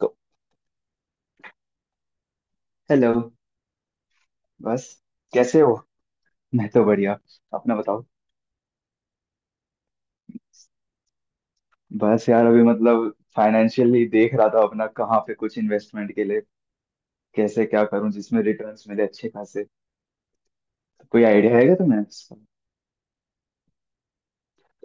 तो हेलो। बस। कैसे हो। मैं तो बढ़िया। अपना बताओ। बस यार, अभी मतलब फाइनेंशियली देख रहा था अपना कहाँ पे कुछ इन्वेस्टमेंट के लिए, कैसे क्या करूं जिसमें रिटर्न्स मिले अच्छे खासे। कोई आइडिया है क्या तुम्हें इसका?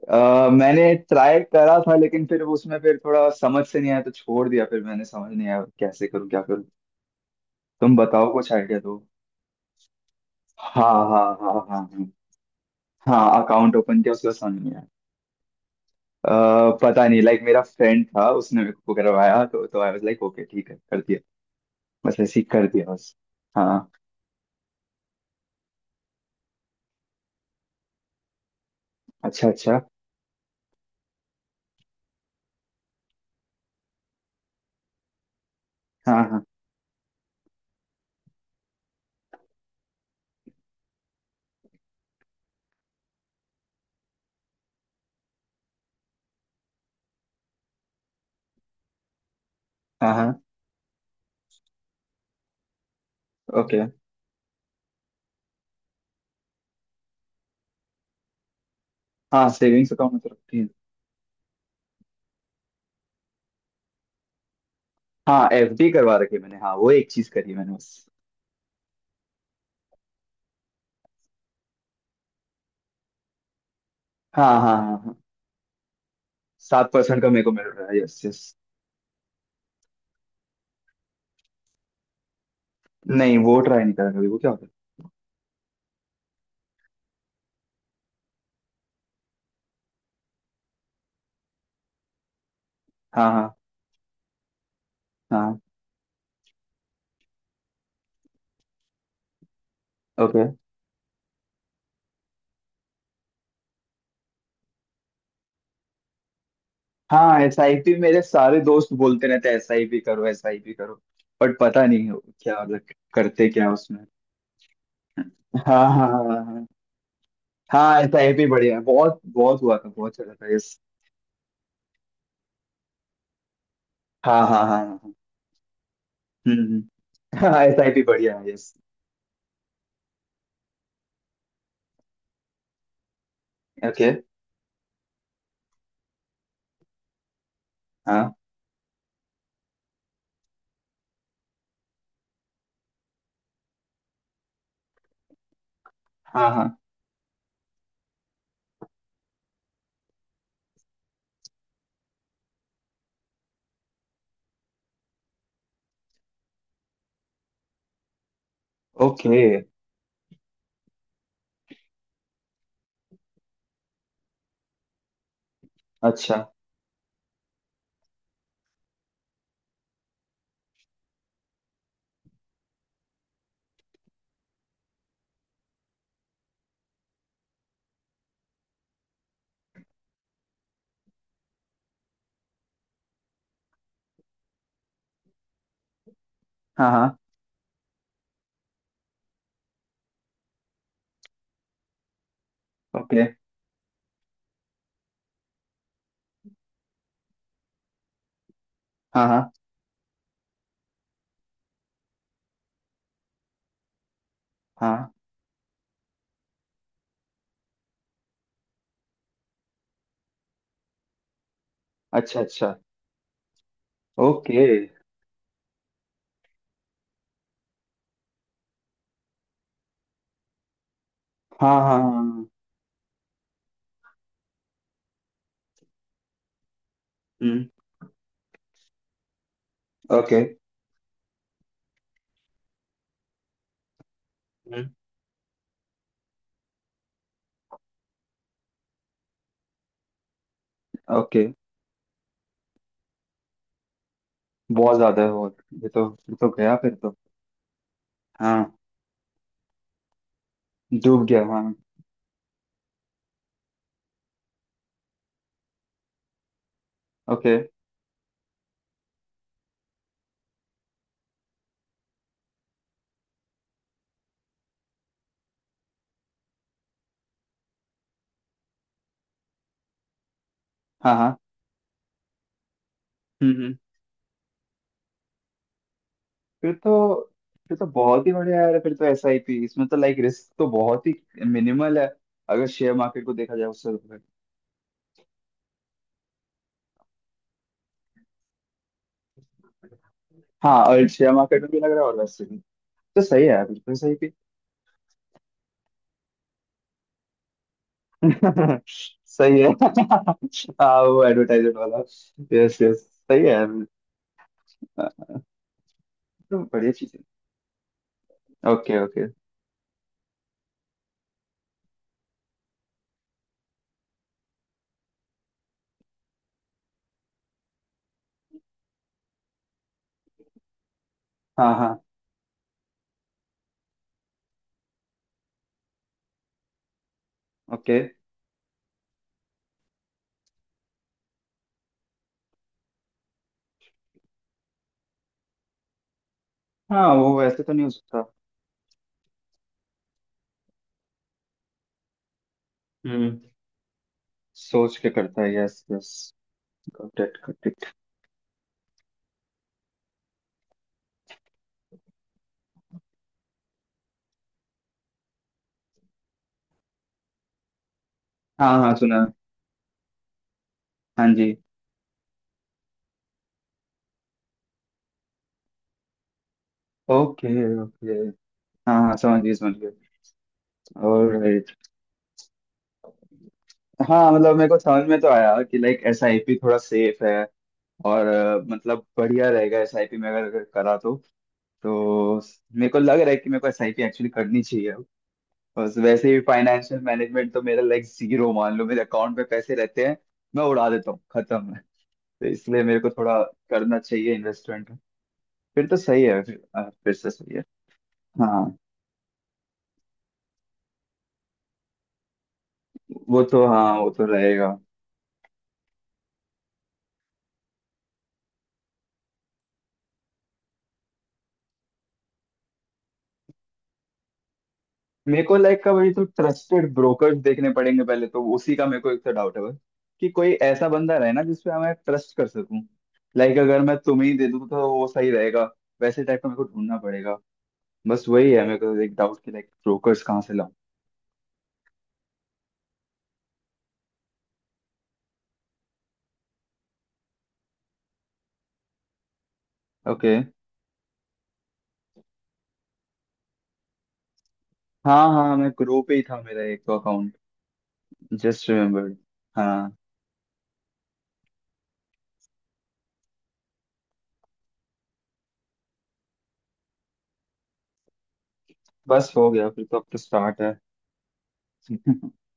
मैंने ट्राई करा था, लेकिन फिर उसमें फिर थोड़ा समझ से नहीं आया तो छोड़ दिया। फिर मैंने समझ नहीं आया कैसे करूँ क्या करूँ। तुम बताओ कुछ आइडिया दो। हाँ हाँ हाँ हाँ हाँ। हाँ अकाउंट ओपन किया उसके बाद समझ में आया। अ, पता नहीं, लाइक मेरा फ्रेंड था उसने मेरे को करवाया, तो आई वाज लाइक ओके ठीक है कर दिया। बस ऐसे ही कर दिया बस। हाँ। अच्छा अच्छा। हाँ हाँ हाँ हाँ। ओके। हाँ सेविंग्स अकाउंट में तो रखती है। हाँ एफडी करवा रखी है मैंने। हाँ वो एक चीज करी है मैंने बस। हाँ हाँ हाँ हाँ। 7% का मेरे को मिल रहा है, यस यस। नहीं वो ट्राई नहीं करा कभी, वो क्या होता है? हाँ हाँ हाँ। ओके। हाँ एस आई पी मेरे सारे दोस्त बोलते रहते हैं एस आई पी करो एस आई पी करो। बट पता नहीं क्या मतलब। करते क्या उसमें? हाँ हाँ हाँ हाँ हाँ ऐसा आई पी बढ़िया है, बहुत बहुत हुआ था बहुत चला था, यस। हाँ हाँ हाँ हाँ हाँ। हम्म हम्म। हाँ एस आई पी बढ़िया है, यस। ओके। हाँ हाँ हाँ। ओके। अच्छा हाँ हाँ। ओके। हाँ हाँ हाँ। अच्छा अच्छा। ओके। हाँ हाँ हाँ हाँ। हम्म। ओके। हम्म। ओके। बहुत ज्यादा है। और ये तो गया फिर तो। हाँ डूब गया हाँ। ओके। हाँ हाँ। हम्म हम्म। फिर तो फिर तो बहुत ही बढ़िया यार, फिर तो एस आई पी इसमें तो लाइक रिस्क तो बहुत ही मिनिमल है, अगर शेयर मार्केट को देखा जाए उससे तो। हाँ और शेयर मार्केट में भी लग रहा है और वैसे भी तो सही है यार बिल्कुल सही भी। सही है। हाँ वो एडवर्टाइजमेंट वाला, यस यस। सही है यार। तो बढ़िया चीज है। Okay okay. हाँ हाँ। ओके। हाँ वो वैसे तो नहीं हो सकता। हम्म। सोच के करता है, yes yes. Got it got it. हाँ हाँ सुना। हाँ जी। Okay okay. हाँ हाँ समझ गए समझ गए। ऑलराइट। हाँ मतलब मेरे को समझ में तो आया कि लाइक एसआईपी थोड़ा सेफ है, और मतलब बढ़िया रहेगा एसआईपी में, अगर अगर करा तो। तो मेरे को लग रहा है कि मेरे को एसआईपी एक्चुअली करनी चाहिए अब। बस वैसे भी फाइनेंशियल मैनेजमेंट तो मेरा लाइक जीरो मान लो, मेरे अकाउंट में पैसे रहते हैं मैं उड़ा देता हूँ खत्म है। तो इसलिए मेरे को थोड़ा करना चाहिए इन्वेस्टमेंट। फिर तो सही है, फिर फिर से सही है। हाँ हाँ वो तो रहेगा। मेरे को लाइक का वही तो ट्रस्टेड ब्रोकर्स देखने पड़ेंगे पहले, तो उसी का मेरे को एक तो डाउट है बस कि कोई ऐसा बंदा रहे ना जिसपे मैं ट्रस्ट कर सकूं। लाइक अगर मैं तुम्हें ही दे दूं तो वो सही रहेगा, वैसे टाइप का मेरे को ढूंढना पड़ेगा। बस वही है मेरे को एक डाउट कि लाइक ब्रोकर्स कहाँ से लाऊं। ओके। हाँ हाँ मैं ग्रुप पे ही था मेरा एक तो अकाउंट, जस्ट रिमेम्बर्ड। हाँ। बस हो गया फिर तो, अब तो स्टार्ट है।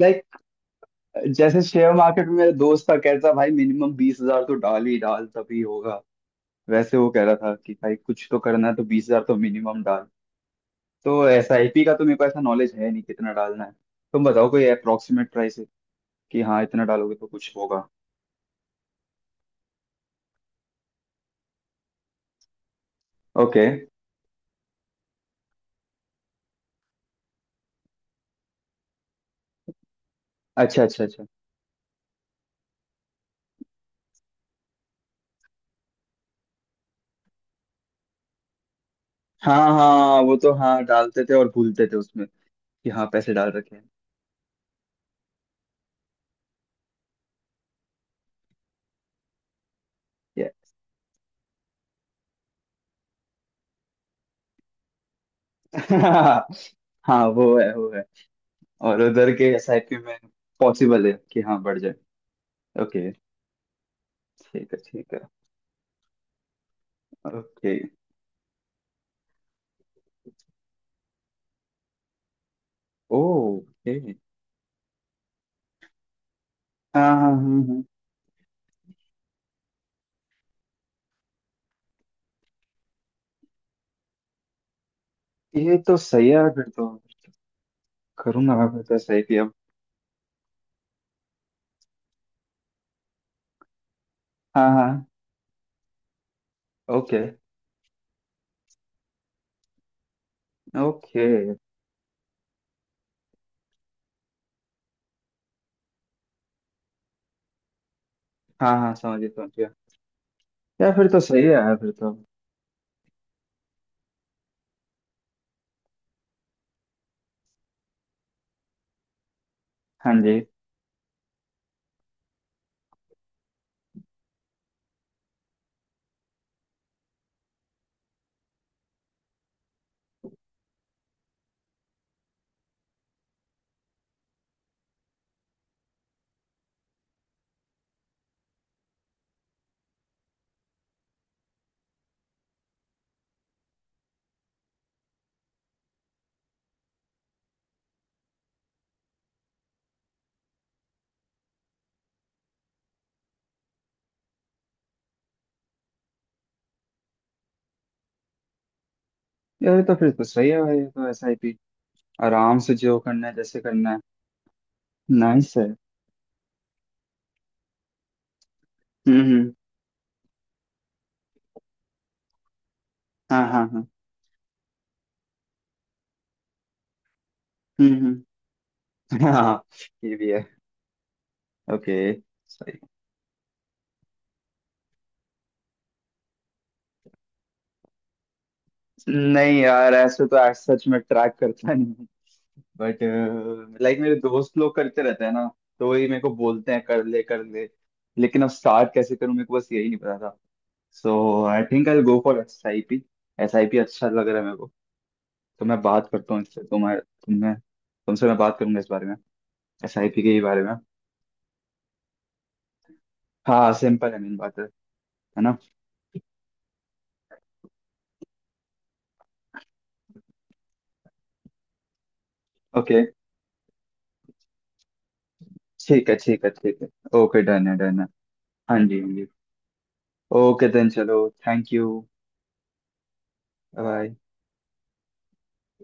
लाइक जैसे शेयर मार्केट में मेरा दोस्त था, कहता भाई मिनिमम 20,000 तो डाल ही डाल तभी होगा। वैसे वो कह रहा था कि भाई कुछ तो करना है तो 20,000 तो मिनिमम डाल। तो एस आई पी का तो मेरे को ऐसा नॉलेज है नहीं कितना डालना है। तुम बताओ कोई अप्रोक्सीमेट प्राइस है कि हाँ इतना डालोगे तो कुछ होगा। ओके। अच्छा अच्छा अच्छा। हाँ हाँ वो तो हाँ डालते थे और भूलते थे उसमें कि हाँ पैसे डाल रखे हैं। Yeah. हाँ वो है वो है। और उधर के एस आई पी में पॉसिबल है कि हाँ बढ़ जाए। ओके। ठीक है ठीक है। Okay okay. हाँ हाँ हाँ हाँ। ये तो सही है फिर तो। करूँ ना मैं, फिर तो सही थी अब। हाँ हाँ। Okay okay. हाँ हाँ समझ गया समझ गया। यार फिर तो सही है यार फिर तो। हाँ जी। यार ये तो फिर तो सही है भाई, ये तो एस आई पी आराम से जो करना है जैसे करना है। नाइस है। हम्म। हाँ हाँ हाँ। हम्म। हाँ ये भी है। ओके। सही। नहीं यार ऐसे तो आज सच में ट्रैक करता नहीं, बट लाइक मेरे दोस्त लोग करते रहते हैं ना, तो वही मेरे को बोलते हैं कर ले कर ले। लेकिन अब स्टार्ट कैसे करूं मेरे को बस यही नहीं पता था। So I think I go for S I P. S I P अच्छा लग रहा है मेरे को। तो मैं बात करता हूँ इससे, तुम्हें तुमने तुमसे मैं बात करूंगा इस बारे में, एस आई पी के ही बारे में। हाँ सिंपल है मेन बात है ना? ओके। ठीक है ठीक है ठीक है। ओके डन है डन है। हाँ जी हाँ जी। ओके देन चलो। Thank you. बाय।